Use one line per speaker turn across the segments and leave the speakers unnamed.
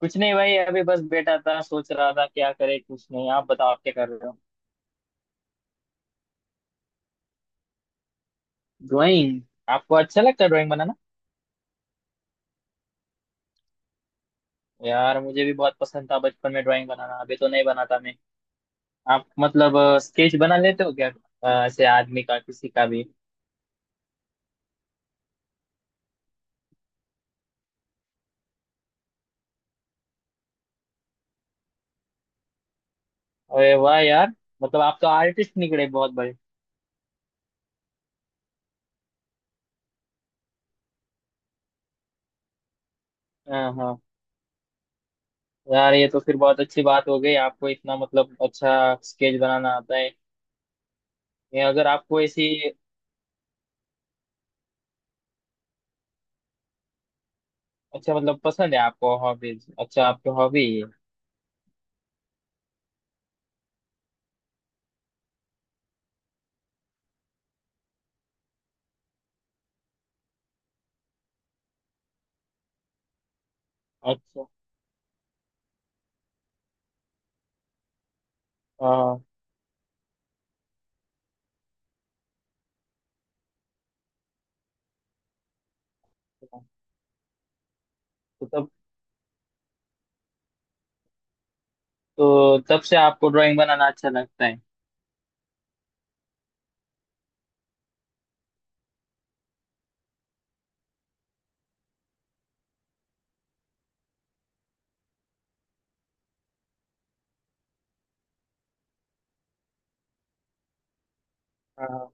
कुछ नहीं भाई, अभी बस बैठा था, सोच रहा था क्या करे। कुछ नहीं, आप बताओ, आप क्या कर रहे हो। ड्राइंग? आपको अच्छा लगता है ड्राइंग बनाना? यार मुझे भी बहुत पसंद था बचपन में ड्राइंग बनाना, अभी तो नहीं बनाता मैं। आप मतलब स्केच बना लेते हो क्या? ऐसे आदमी का, किसी का भी। अरे वाह यार! मतलब आप तो आर्टिस्ट निकले बहुत बड़े। हाँ हाँ। यार ये तो फिर बहुत अच्छी बात हो गई, आपको इतना मतलब अच्छा स्केच बनाना आता है। ये अगर आपको ऐसी। अच्छा मतलब पसंद है आपको हॉबीज, अच्छा आपकी हॉबी है। अच्छा। हाँ तो तब, तो तब से आपको ड्राइंग बनाना अच्छा लगता है। हाँ।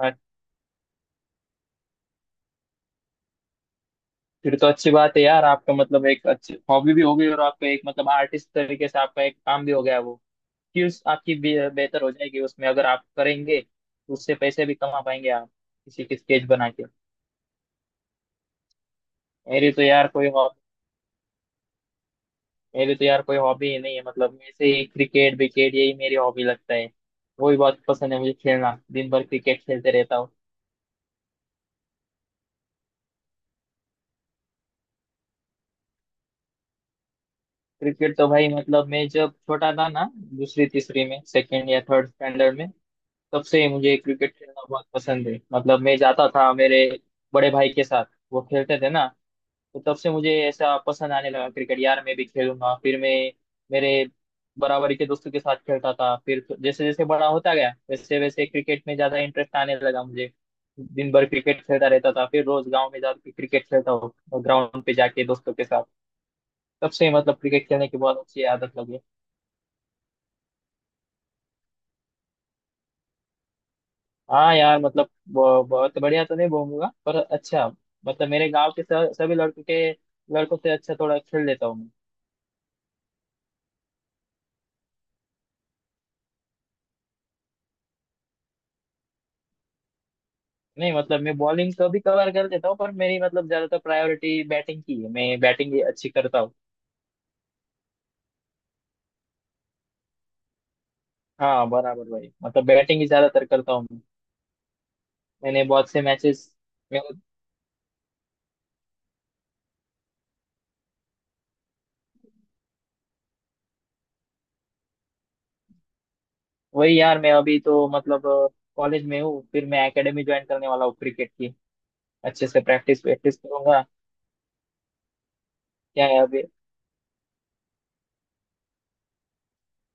हाँ। फिर तो अच्छी बात है यार, आपका मतलब एक अच्छी हॉबी भी हो गई और आपका एक मतलब आर्टिस्ट तरीके से आपका एक काम भी हो गया वो। स्किल्स आपकी बेहतर हो जाएगी, उसमें अगर आप करेंगे तो उससे पैसे भी कमा पाएंगे आप, किसी की स्केच बना के। मेरी तो यार कोई हॉबी, मेरी तो यार कोई हॉबी ही नहीं है। मतलब मैं से ही क्रिकेट विकेट, यही मेरी हॉबी लगता है। वो भी बहुत पसंद है मुझे खेलना, दिन भर क्रिकेट खेलते रहता हूँ। क्रिकेट तो भाई मतलब मैं जब छोटा था ना, दूसरी तीसरी में, सेकेंड या थर्ड स्टैंडर्ड में, तब से ही मुझे क्रिकेट खेलना बहुत पसंद है। मतलब मैं जाता था मेरे बड़े भाई के साथ, वो खेलते थे ना। तो तब से मुझे ऐसा पसंद आने लगा क्रिकेट, यार मैं भी खेलूंगा। फिर मैं मेरे बराबरी के दोस्तों के साथ खेलता था, फिर तो जैसे जैसे बड़ा होता गया वैसे वैसे क्रिकेट में ज्यादा इंटरेस्ट आने लगा मुझे। दिन भर क्रिकेट खेलता रहता था, फिर रोज गांव में जाकर क्रिकेट खेलता हूँ ग्राउंड पे जाके दोस्तों के साथ। तब से मतलब क्रिकेट खेलने की बहुत अच्छी आदत लगी है। हाँ यार मतलब वो बहुत बढ़िया तो नहीं घूमूंगा, पर अच्छा, मतलब मेरे गांव के सभी लड़कों के, लड़कों से अच्छा थोड़ा खेल लेता हूँ मैं। नहीं मतलब मैं बॉलिंग तो भी कवर कर लेता हूँ, पर मेरी मतलब ज्यादातर प्रायोरिटी बैटिंग की है, मैं बैटिंग ही अच्छी करता हूँ। हाँ बराबर भाई, मतलब बैटिंग ही ज्यादातर करता हूँ मैं। मैंने बहुत से मैचेस। मैं वही यार, मैं अभी तो मतलब कॉलेज में हूँ, फिर मैं एकेडमी ज्वाइन करने वाला हूँ क्रिकेट की। अच्छे से प्रैक्टिस प्रैक्टिस करूंगा। क्या है अभी?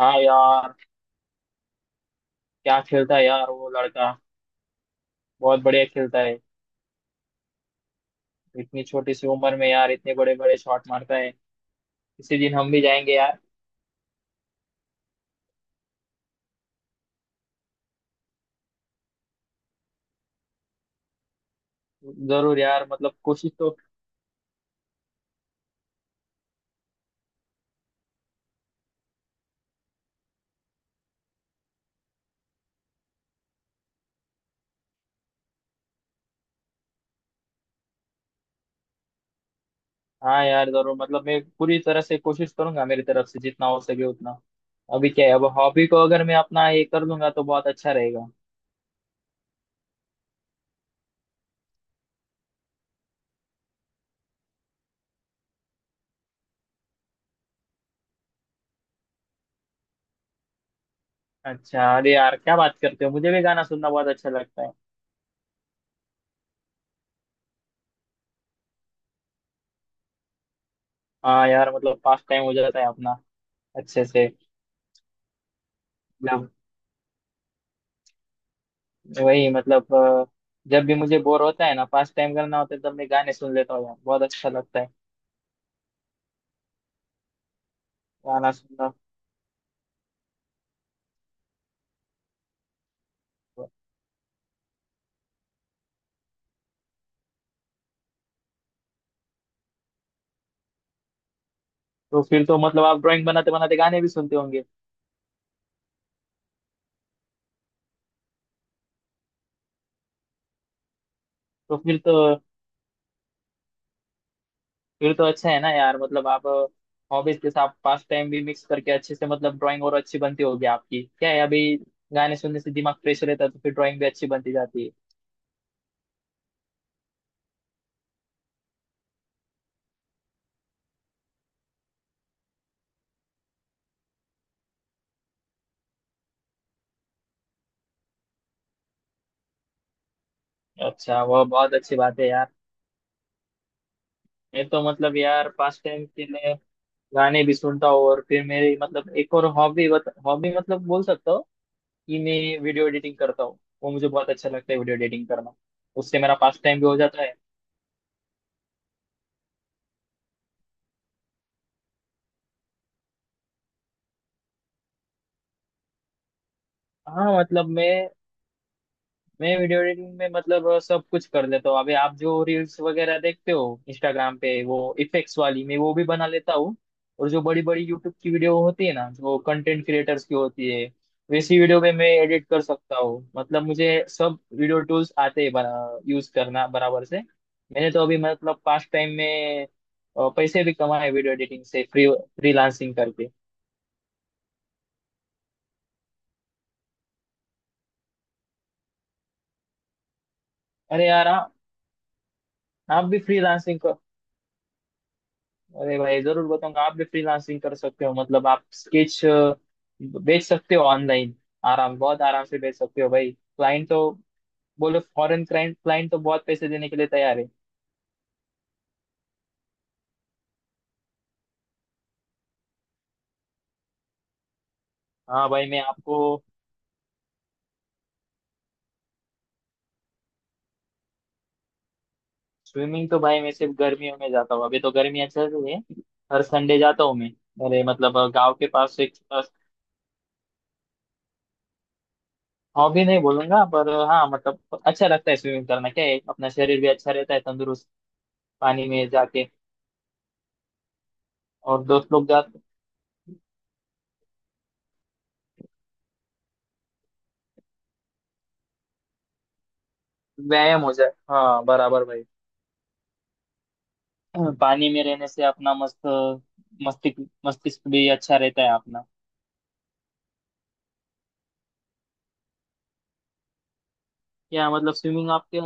हाँ यार। क्या खेलता है यार वो लड़का, बहुत बढ़िया खेलता है। इतनी छोटी सी उम्र में यार इतने बड़े बड़े शॉट मारता है। किसी दिन हम भी जाएंगे यार। जरूर यार, मतलब कोशिश तो। हाँ यार जरूर, मतलब मैं पूरी तरह से कोशिश करूंगा मेरी तरफ से जितना हो सके उतना। अभी क्या है, अब हॉबी को अगर मैं अपना ये कर लूंगा तो बहुत अच्छा रहेगा। अच्छा अरे यार क्या बात करते हो, मुझे भी गाना सुनना बहुत अच्छा लगता है। हाँ यार, मतलब पास टाइम हो जाता है अपना अच्छे से। मतलब वही मतलब जब भी मुझे बोर होता है ना, पास टाइम करना होता है, तब मैं गाने सुन लेता हूँ यार, बहुत अच्छा लगता है गाना सुनना। तो फिर तो मतलब आप ड्राइंग बनाते बनाते गाने भी सुनते होंगे। तो फिर तो, फिर तो अच्छा है ना यार, मतलब आप हॉबीज के साथ पास टाइम भी मिक्स करके अच्छे से, मतलब ड्राइंग और अच्छी बनती होगी आपकी। क्या है अभी, गाने सुनने से दिमाग फ्रेश रहता है तो फिर ड्राइंग भी अच्छी बनती जाती है। अच्छा वह बहुत अच्छी बात है यार। मैं तो मतलब यार पास टाइम के लिए गाने भी सुनता हूँ, और फिर मेरी मतलब एक और हॉबी हॉबी मतलब बोल सकता हूँ कि मैं वीडियो एडिटिंग करता हूँ, वो मुझे बहुत अच्छा लगता है वीडियो एडिटिंग करना। उससे मेरा पास टाइम भी हो जाता है। हाँ मतलब मैं वीडियो एडिटिंग में मतलब सब कुछ कर लेता हूँ। अभी आप जो रील्स वगैरह देखते हो इंस्टाग्राम पे, वो इफेक्ट्स वाली मैं वो भी बना लेता हूँ। और जो बड़ी बड़ी यूट्यूब की वीडियो होती है ना, जो कंटेंट क्रिएटर्स की होती है, वैसी वीडियो पे मैं एडिट कर सकता हूँ। मतलब मुझे सब वीडियो टूल्स आते हैं, यूज करना बराबर से। मैंने तो अभी मतलब पास्ट टाइम में पैसे भी कमाए वीडियो एडिटिंग से, फ्रीलांसिंग करके। अरे यार आप भी फ्रीलांसिंग, अरे भाई जरूर बताऊंगा, आप भी फ्रीलांसिंग कर सकते हो। मतलब आप स्केच बेच सकते हो ऑनलाइन, आराम, बहुत आराम से बेच सकते हो भाई। क्लाइंट तो, बोलो फॉरेन क्लाइंट, क्लाइंट तो बहुत पैसे देने के लिए तैयार है। हाँ भाई, मैं आपको। स्विमिंग तो भाई मैं सिर्फ गर्मियों में जाता हूँ, अभी तो गर्मियाँ चल रही है। हर संडे जाता हूँ मैं, मेरे मतलब गांव के पास एक। हॉबी नहीं बोलूंगा, पर हाँ मतलब अच्छा लगता है स्विमिंग करना। क्या है, अपना शरीर भी अच्छा रहता है तंदुरुस्त, पानी में जाके, और दोस्त लोग जाते। व्यायाम हो जाए, हाँ बराबर भाई। पानी में रहने से अपना मस्तिष्क, मस्तिष्क भी अच्छा रहता है अपना। क्या मतलब, स्विमिंग आपके।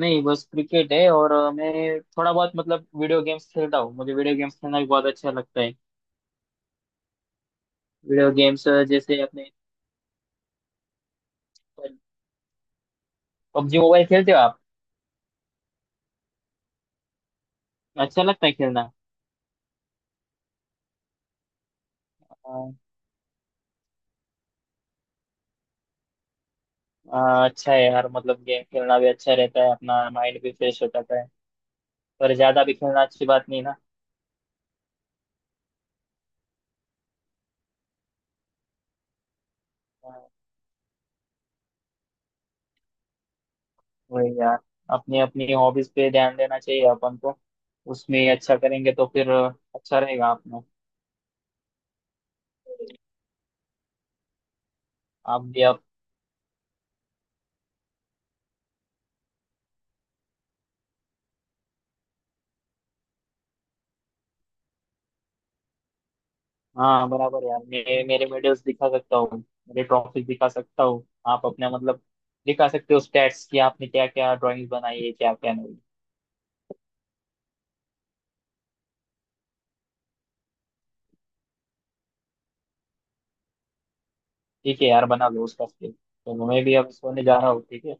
नहीं बस क्रिकेट है, और मैं थोड़ा बहुत मतलब वीडियो गेम्स खेलता हूँ, मुझे वीडियो गेम्स खेलना भी बहुत अच्छा लगता है वीडियो गेम्स। जैसे अपने पबजी मोबाइल खेलते हो आप? अच्छा लगता है खेलना? अ, अच्छा है यार, मतलब गेम खेलना भी अच्छा रहता है, अपना माइंड भी फ्रेश हो जाता है, पर ज्यादा भी खेलना अच्छी बात नहीं ना। वही यार, अपनी अपनी हॉबीज पे ध्यान देना चाहिए अपन को, उसमें अच्छा करेंगे तो फिर अच्छा रहेगा अपना। आप। हाँ बराबर यार, मैं मेरे मेडल्स दिखा सकता हूँ, मेरे ट्रॉफी दिखा सकता हूँ। आप अपना मतलब दिखा सकते हो स्टैट्स कि आपने क्या क्या ड्राइंग्स बनाई है, क्या क्या नहीं। ठीक है यार, बना लो उसका स्केच, तो मैं भी अब सोने जा रहा हूँ। ठीक है।